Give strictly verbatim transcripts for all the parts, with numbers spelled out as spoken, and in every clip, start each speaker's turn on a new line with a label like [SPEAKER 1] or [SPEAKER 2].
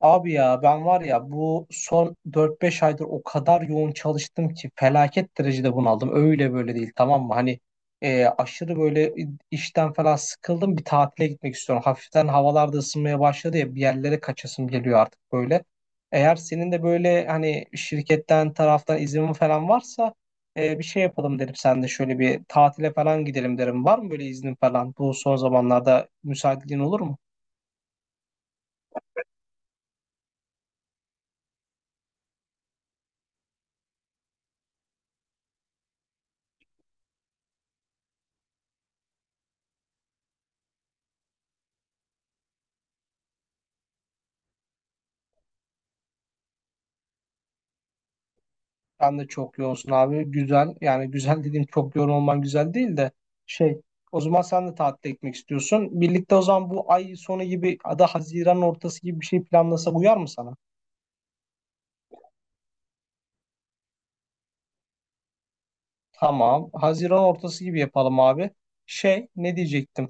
[SPEAKER 1] Abi ya ben var ya bu son dört beş aydır o kadar yoğun çalıştım ki felaket derecede bunaldım. Öyle böyle değil tamam mı? Hani e, aşırı böyle işten falan sıkıldım bir tatile gitmek istiyorum. Hafiften havalar da ısınmaya başladı ya bir yerlere kaçasım geliyor artık böyle. Eğer senin de böyle hani şirketten taraftan izin falan varsa e, bir şey yapalım derim sen de şöyle bir tatile falan gidelim derim. Var mı böyle iznin falan? Bu son zamanlarda müsaitliğin olur mu? Sen de çok yoğunsun abi. Güzel. Yani güzel dediğim çok yoğun olman güzel değil de şey o zaman sen de tatile gitmek istiyorsun. Birlikte o zaman bu ay sonu gibi ya da Haziran ortası gibi bir şey planlasak uyar mı sana? Tamam. Haziran ortası gibi yapalım abi. Şey ne diyecektim?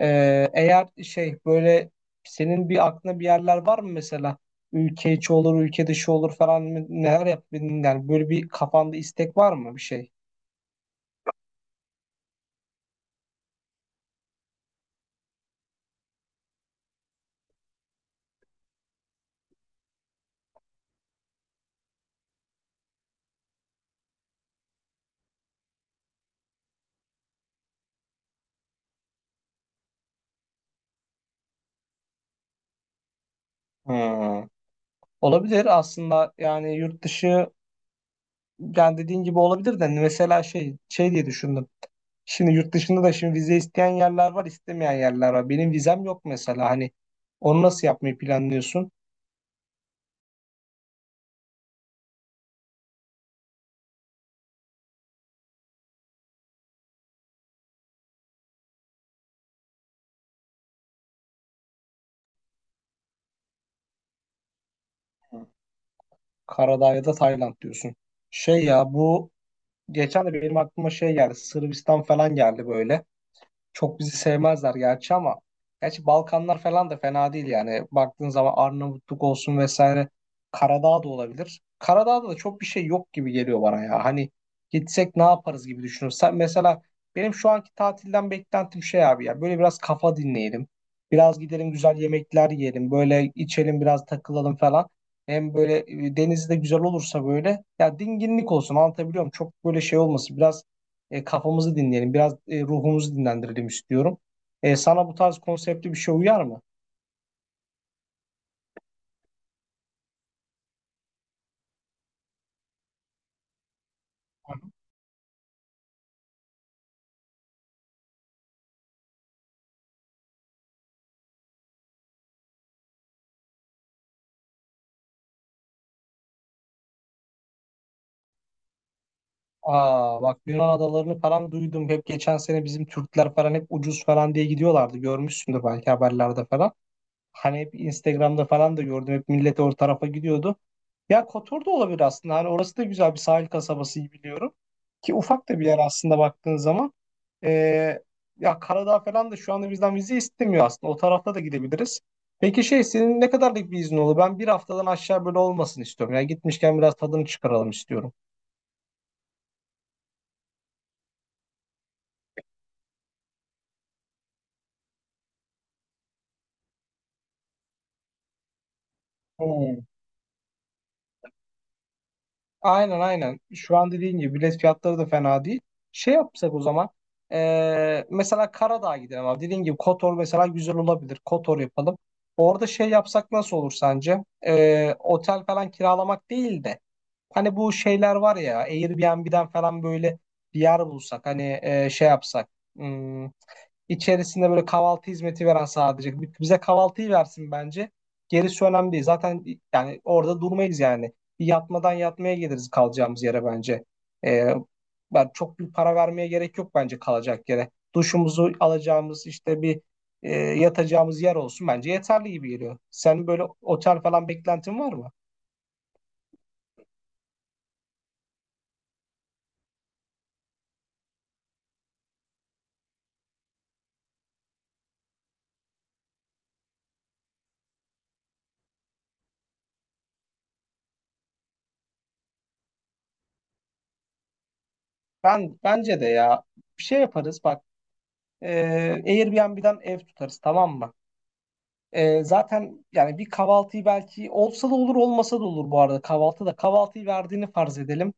[SPEAKER 1] Ee, eğer şey böyle senin bir aklına bir yerler var mı mesela? Ülke içi olur, ülke dışı olur falan mı? Neler yap? Yani böyle bir kafanda istek var mı bir şey? Hmm. Olabilir aslında yani yurt dışı. Yani dediğin gibi olabilir de hani mesela şey şey diye düşündüm. Şimdi yurt dışında da şimdi vize isteyen yerler var, istemeyen yerler var. Benim vizem yok mesela. Hani onu nasıl yapmayı planlıyorsun? Karadağ ya da Tayland diyorsun. Şey ya bu geçen de benim aklıma şey geldi. Sırbistan falan geldi böyle. Çok bizi sevmezler gerçi ama gerçi Balkanlar falan da fena değil yani. Baktığın zaman Arnavutluk olsun vesaire Karadağ da olabilir. Karadağ'da da çok bir şey yok gibi geliyor bana ya. Hani gitsek ne yaparız gibi düşünüyorum. Sen mesela benim şu anki tatilden beklentim şey abi ya böyle biraz kafa dinleyelim. Biraz gidelim güzel yemekler yiyelim. Böyle içelim biraz takılalım falan. Hem böyle e, deniz de güzel olursa böyle ya dinginlik olsun anlatabiliyor muyum? Çok böyle şey olmasın. Biraz e, kafamızı dinleyelim, biraz e, ruhumuzu dinlendirelim istiyorum. E, sana bu tarz konseptli bir şey uyar mı? Aa bak Yunan adalarını falan duydum. Hep geçen sene bizim Türkler falan hep ucuz falan diye gidiyorlardı. Görmüşsündür belki haberlerde falan. Hani hep Instagram'da falan da gördüm. Hep millet o tarafa gidiyordu. Ya Kotor da olabilir aslında. Hani orası da güzel bir sahil kasabası iyi biliyorum. Ki ufak da bir yer aslında baktığın zaman. Ee, Ya Karadağ falan da şu anda bizden vize istemiyor aslında. O tarafta da gidebiliriz. Peki şey senin ne kadarlık bir iznin olur? Ben bir haftadan aşağı böyle olmasın istiyorum. Yani gitmişken biraz tadını çıkaralım istiyorum. Hmm. Aynen aynen. Şu an dediğin gibi bilet fiyatları da fena değil. Şey yapsak o zaman. Eee, mesela Karadağ'a gidelim abi. Dediğin gibi Kotor mesela güzel olabilir. Kotor yapalım. Orada şey yapsak nasıl olur sence? Eee, otel falan kiralamak değil de. Hani bu şeyler var ya Airbnb'den falan böyle bir yer bulsak. Hani eee, şey yapsak. hmm, İçerisinde böyle kahvaltı hizmeti veren sadece. Bize kahvaltıyı versin bence. Gerisi önemli değil. Zaten yani orada durmayız yani. Bir yatmadan yatmaya geliriz kalacağımız yere bence. Ee, Ben çok bir para vermeye gerek yok bence kalacak yere. Duşumuzu alacağımız işte bir e, yatacağımız yer olsun bence yeterli gibi geliyor. Senin böyle otel falan beklentin var mı? Ben bence de ya bir şey yaparız bak. E, Airbnb'den ev tutarız tamam mı? Ee, zaten yani bir kahvaltıyı belki olsa da olur olmasa da olur bu arada kahvaltı da kahvaltıyı verdiğini farz edelim.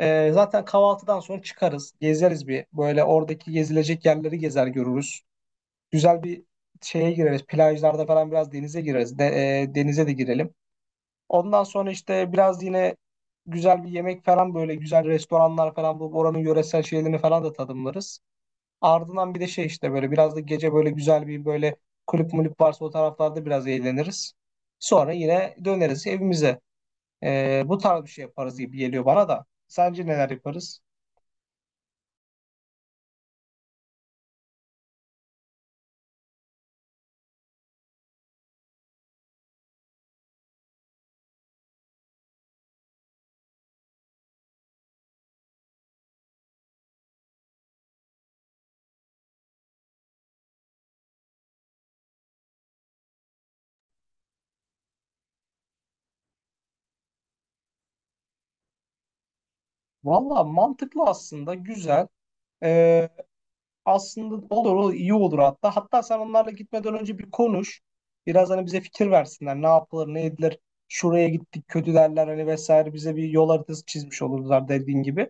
[SPEAKER 1] Ee, zaten kahvaltıdan sonra çıkarız gezeriz bir böyle oradaki gezilecek yerleri gezer görürüz. Güzel bir şeye gireriz plajlarda falan biraz denize gireriz de, e, denize de girelim. Ondan sonra işte biraz yine güzel bir yemek falan böyle güzel restoranlar falan bu oranın yöresel şeylerini falan da tadımlarız. Ardından bir de şey işte böyle biraz da gece böyle güzel bir böyle kulüp mulüp varsa o taraflarda biraz eğleniriz. Sonra yine döneriz evimize. Ee, bu tarz bir şey yaparız gibi geliyor bana da. Sence neler yaparız? Valla mantıklı aslında güzel. Ee, Aslında olur olur, iyi olur hatta. Hatta sen onlarla gitmeden önce bir konuş. Biraz hani bize fikir versinler. Ne yapılır ne edilir. Şuraya gittik kötü derler hani vesaire bize bir yol haritası çizmiş olurlar dediğin gibi.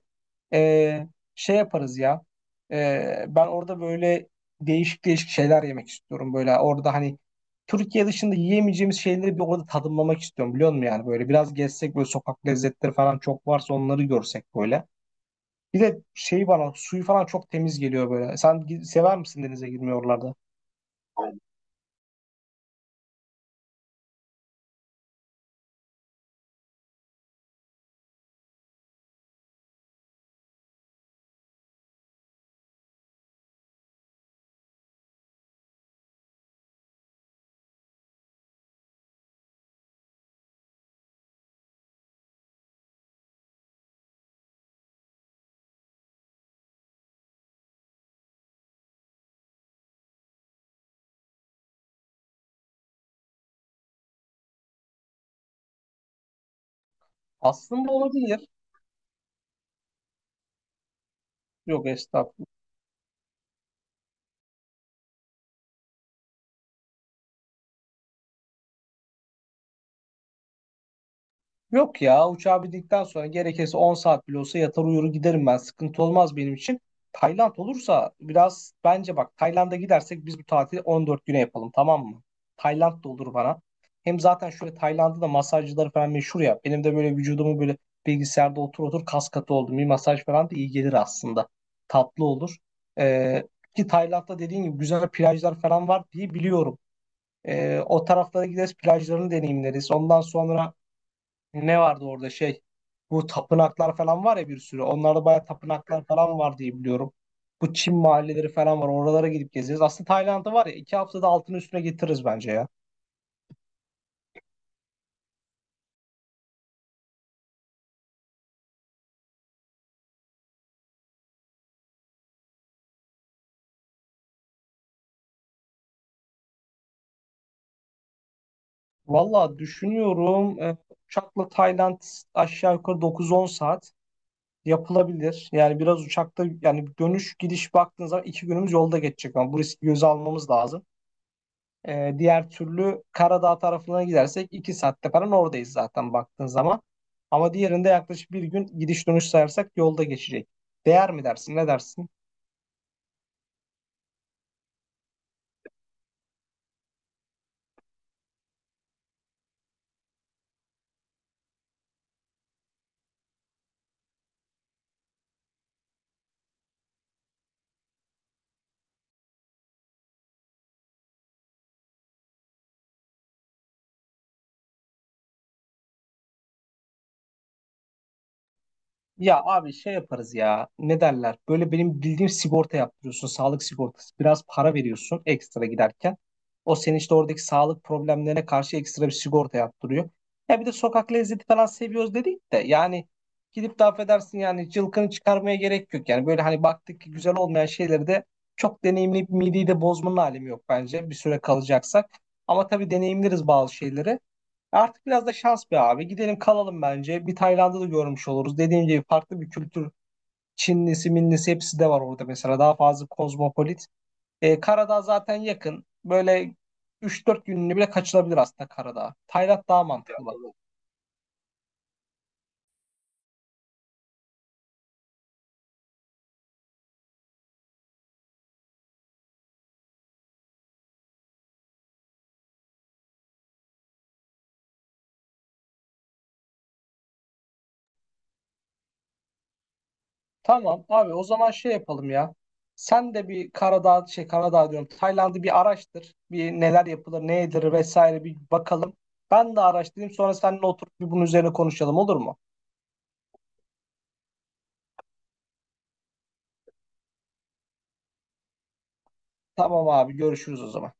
[SPEAKER 1] Ee, Şey yaparız ya. Ee, ben orada böyle değişik değişik şeyler yemek istiyorum. Böyle orada hani Türkiye dışında yiyemeyeceğimiz şeyleri bir orada tadımlamak istiyorum biliyor musun yani böyle biraz gezsek böyle sokak lezzetleri falan çok varsa onları görsek böyle. Bir de şey bana suyu falan çok temiz geliyor böyle. Sen gi- sever misin denize girmeyi oralarda? Aslında olabilir. Yok estağfurullah. Yok ya uçağa bindikten sonra gerekirse on saat bile olsa yatar uyur giderim ben. Sıkıntı olmaz benim için. Tayland olursa biraz bence bak Tayland'a gidersek biz bu tatili on dört güne yapalım tamam mı? Tayland da olur bana. Hem zaten şöyle Tayland'da da masajcıları falan meşhur ya. Benim de böyle vücudumu böyle bilgisayarda otur otur kas katı oldum. Bir masaj falan da iyi gelir aslında. Tatlı olur. Ee, Ki Tayland'da dediğin gibi güzel plajlar falan var diye biliyorum. Ee, o taraflara gideriz plajlarını deneyimleriz. Ondan sonra ne vardı orada şey? Bu tapınaklar falan var ya bir sürü. Onlarda bayağı tapınaklar falan var diye biliyorum. Bu Çin mahalleleri falan var. Oralara gidip gezeceğiz. Aslında Tayland'ı var ya iki haftada altını üstüne getiririz bence ya. Valla düşünüyorum e, uçakla Tayland aşağı yukarı dokuz on saat yapılabilir. Yani biraz uçakta yani dönüş gidiş baktığınız zaman iki günümüz yolda geçecek ama bu riski göze almamız lazım. Ee, diğer türlü Karadağ tarafına gidersek iki saatte falan oradayız zaten baktığın zaman. Ama diğerinde yaklaşık bir gün gidiş dönüş sayarsak yolda geçecek. Değer mi dersin? Ne dersin? Ya abi şey yaparız ya. Ne derler? Böyle benim bildiğim sigorta yaptırıyorsun. Sağlık sigortası. Biraz para veriyorsun ekstra giderken. O senin işte oradaki sağlık problemlerine karşı ekstra bir sigorta yaptırıyor. Ya bir de sokak lezzeti falan seviyoruz dedik de yani gidip de affedersin yani cılkını çıkarmaya gerek yok. Yani böyle hani baktık ki güzel olmayan şeyleri de çok deneyimli bir mideyi de bozmanın alemi yok bence bir süre kalacaksak. Ama tabii deneyimleriz bazı şeyleri. Artık biraz da şans be abi. Gidelim kalalım bence. Bir Tayland'ı da görmüş oluruz. Dediğim gibi farklı bir kültür. Çinlisi, Minlisi hepsi de var orada mesela. Daha fazla kozmopolit. Ee, Karadağ zaten yakın. Böyle üç dört gününü bile kaçılabilir aslında Karadağ. Tayland daha mantıklı. Tamam abi o zaman şey yapalım ya. Sen de bir Karadağ, şey Karadağ diyorum. Tayland'ı bir araştır. Bir neler yapılır, ne edilir vesaire bir bakalım. Ben de araştırayım sonra seninle oturup bir bunun üzerine konuşalım olur mu? Tamam abi görüşürüz o zaman.